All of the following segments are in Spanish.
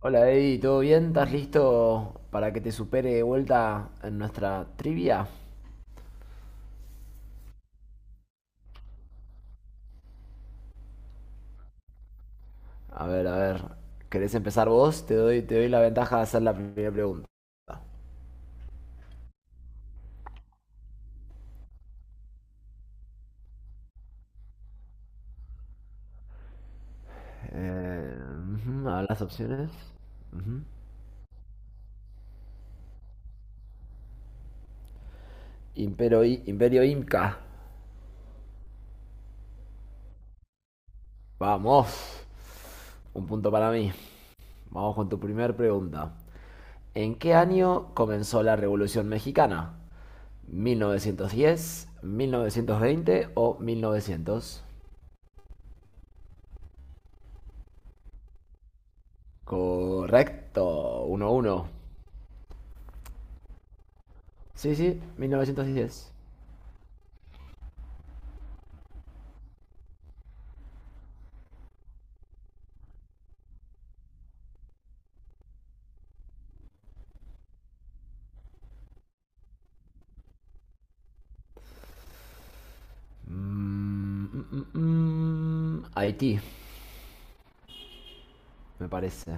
Hola Eddie, ¿todo bien? ¿Estás listo para que te supere de vuelta en nuestra trivia? A ver, ¿querés empezar vos? Te doy la ventaja de hacer la primera pregunta. Eh, Ujú, a ver las opciones. Imperio Inca. Vamos. Un punto para mí. Vamos con tu primera pregunta. ¿En qué año comenzó la Revolución Mexicana? ¿1910, 1920 o 1900? Correcto. 1-1. Sí, sí, 1910. Haití, me parece.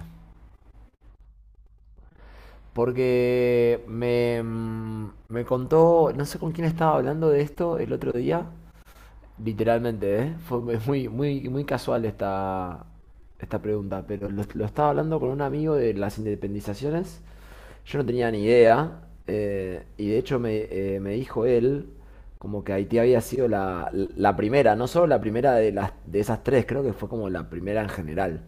Porque me contó, no sé con quién estaba hablando de esto el otro día. Literalmente, ¿eh? Fue muy, muy, muy muy casual esta pregunta, pero lo estaba hablando con un amigo de las independizaciones. Yo no tenía ni idea, y de hecho me dijo él como que Haití había sido la primera, no solo la primera de las de esas tres, creo que fue como la primera en general.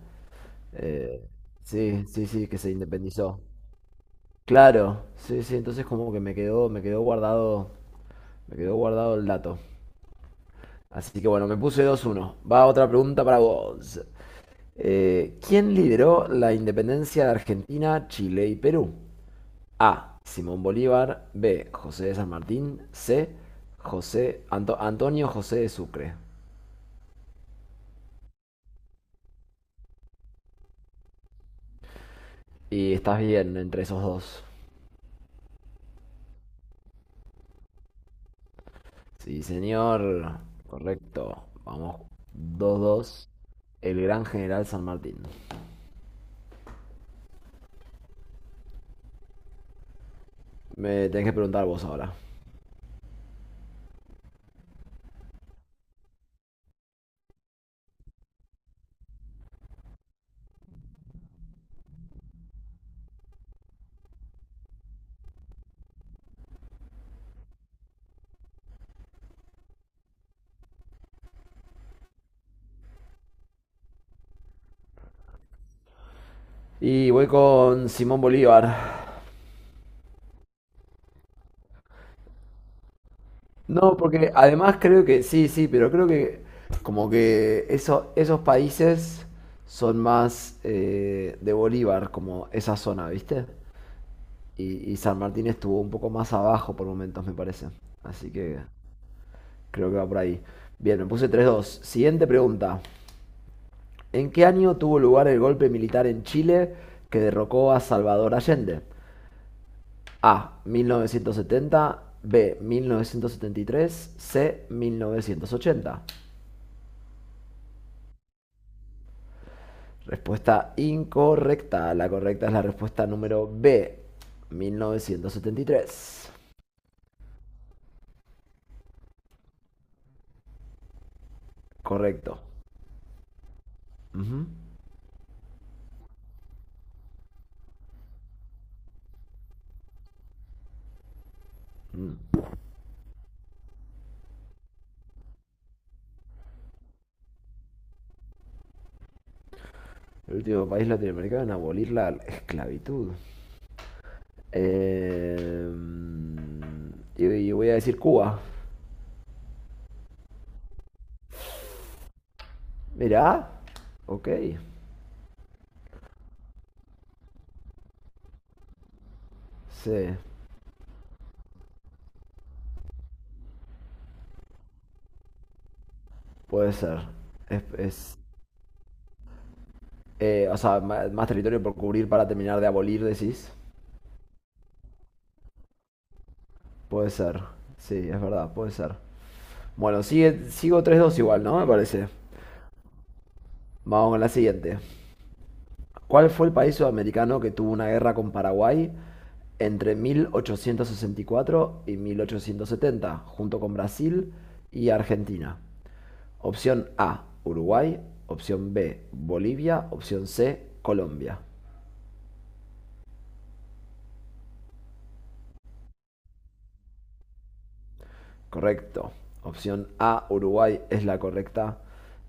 Eh, sí, sí, sí, que se independizó. Claro, sí, sí, entonces como que me quedó guardado, me quedó guardado el dato. Así que bueno, me puse dos uno. Va otra pregunta para vos. ¿Quién lideró la independencia de Argentina, Chile y Perú? A. Simón Bolívar. B. José de San Martín. C. José Antonio José de Sucre. Y estás bien entre esos dos. Sí, señor. Correcto. Vamos. Dos dos. El gran general San Martín. Me tenés que preguntar vos ahora. Y voy con Simón Bolívar. No, porque además creo que, sí, sí, pero creo que como que esos países son más de Bolívar, como esa zona, ¿viste? Y San Martín estuvo un poco más abajo por momentos, me parece. Así que creo que va por ahí. Bien, me puse tres dos. Siguiente pregunta. ¿En qué año tuvo lugar el golpe militar en Chile que derrocó a Salvador Allende? A. 1970. B. 1973. C. 1980. Respuesta incorrecta. La correcta es la respuesta número B. 1973. Correcto. Ujú. Mm. El último país latinoamericano en abolir la esclavitud. Eh, y, Voy a decir Cuba. Mirá. Ok. Sí. Puede ser. Es, es- o sea, más, territorio por cubrir para terminar de abolir, decís. Puede ser. Sí, es verdad, puede ser. Bueno, sigo tres dos igual, ¿no? Me parece. Vamos con la siguiente. ¿Cuál fue el país sudamericano que tuvo una guerra con Paraguay entre 1864 y 1870, junto con Brasil y Argentina? Opción A, Uruguay. Opción B, Bolivia. Opción C, Colombia. Correcto. Opción A, Uruguay es la correcta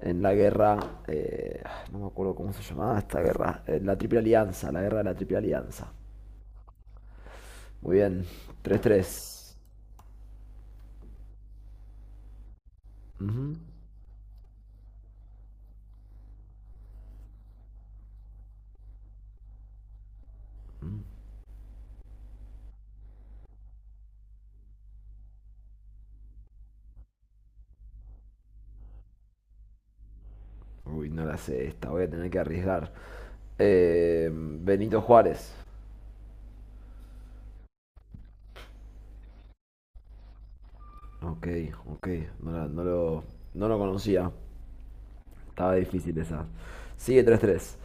en la guerra, eh, no me acuerdo cómo se llamaba esta guerra, la Triple Alianza, la guerra de la Triple Alianza. Muy bien, tres tres. Ujú. Uy, no la sé esta, voy a tener que arriesgar. Benito Juárez. Ok, ok, no, no lo conocía. Estaba difícil esa. Sigue tres tres.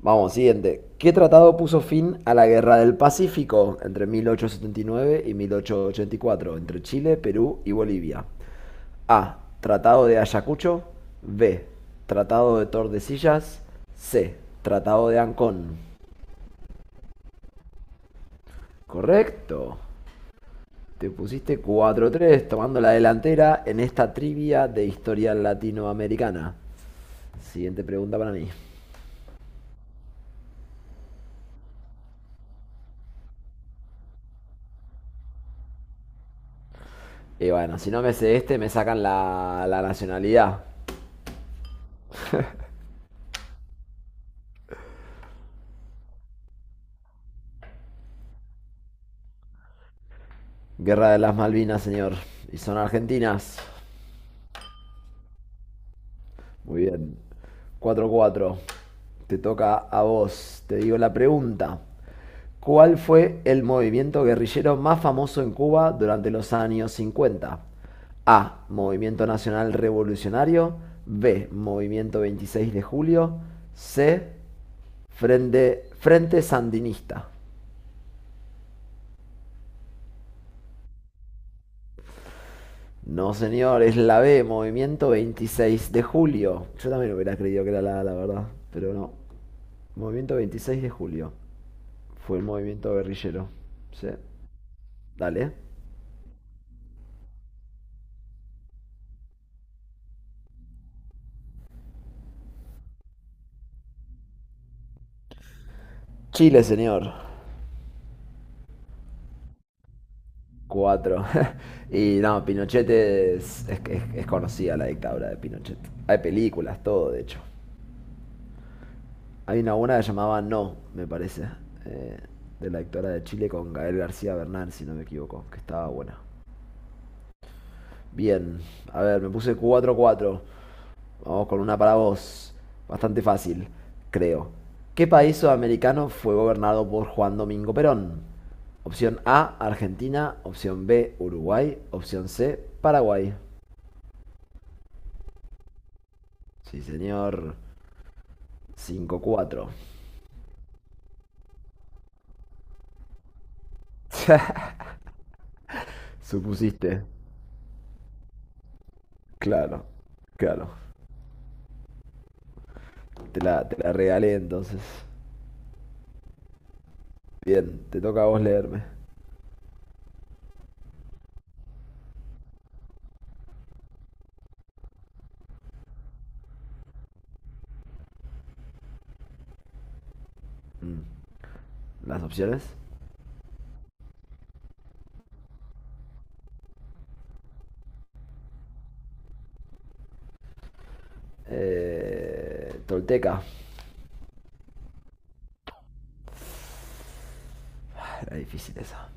Vamos, siguiente. ¿Qué tratado puso fin a la Guerra del Pacífico entre 1879 y nueve y 1884 entre Chile, Perú y Bolivia? A. Tratado de Ayacucho. B. Tratado de Tordesillas. C. Tratado de Ancón. Correcto. Te pusiste cuatro tres tomando la delantera en esta trivia de historia latinoamericana. Siguiente pregunta para mí. Y bueno, si no me sé este, me sacan la nacionalidad. Guerra de las Malvinas, señor. Y son argentinas. Muy bien. Cuatro cuatro. Te toca a vos. Te digo la pregunta. ¿Cuál fue el movimiento guerrillero más famoso en Cuba durante los años 50? A. Movimiento Nacional Revolucionario. B. Movimiento 26 de Julio. C. Frente Sandinista. No, señor, es la B. Movimiento 26 de Julio. Yo también hubiera creído que era la A, la verdad. Pero no. Movimiento 26 de Julio. Fue el movimiento guerrillero. Sí. Dale. Chile, señor. Cuatro. Y no, Pinochet es conocida la dictadura de Pinochet. Hay películas, todo, de hecho. Hay una buena que llamaba No, me parece, eh, de la dictadura de Chile con Gael García Bernal, si no me equivoco, que estaba buena. Bien, a ver, me puse cuatro cuatro. Vamos con una para vos. Bastante fácil, creo. ¿Qué país sudamericano fue gobernado por Juan Domingo Perón? Opción A, Argentina. Opción B, Uruguay. Opción C, Paraguay. Sí, señor. Cinco cuatro. Supusiste. Claro, claro. Te la regalé entonces. Bien, te toca a vos leerme. Las opciones. Tolteca. Ah, era difícil esa.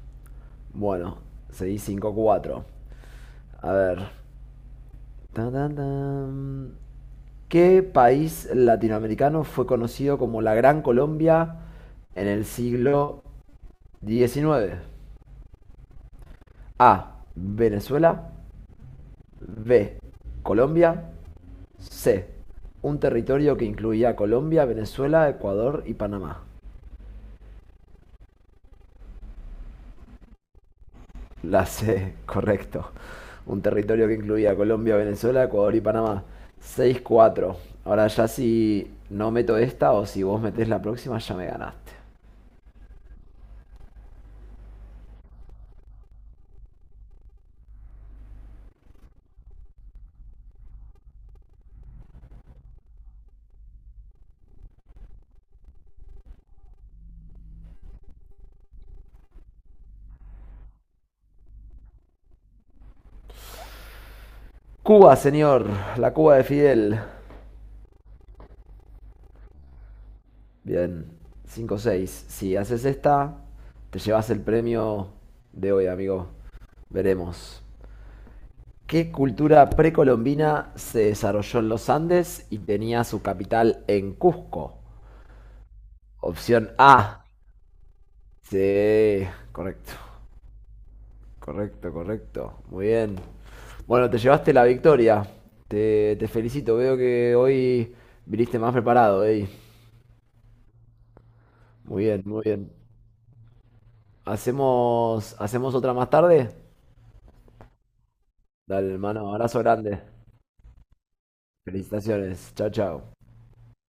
Bueno, seguí cinco cuatro. A ver. Tan, tan, tan. ¿Qué país latinoamericano fue conocido como la Gran Colombia en el siglo XIX? A. Venezuela. B. Colombia. C. Un territorio que incluía Colombia, Venezuela, Ecuador y Panamá. La C, correcto. Un territorio que incluía Colombia, Venezuela, Ecuador y Panamá. Seis cuatro. Ahora ya si no meto esta o si vos metés la próxima ya me ganaste. Cuba, señor. La Cuba de Fidel. Bien. Cinco seis. Si haces esta, te llevas el premio de hoy, amigo. Veremos. ¿Qué cultura precolombina se desarrolló en los Andes y tenía su capital en Cusco? Opción A. Sí, correcto, correcto, correcto. Muy bien. Bueno, te llevaste la victoria. Te felicito. Veo que hoy viniste más preparado, ey. Muy bien, muy bien. ¿Hacemos otra más tarde? Dale, hermano. Abrazo grande. Felicitaciones. Chao, chao.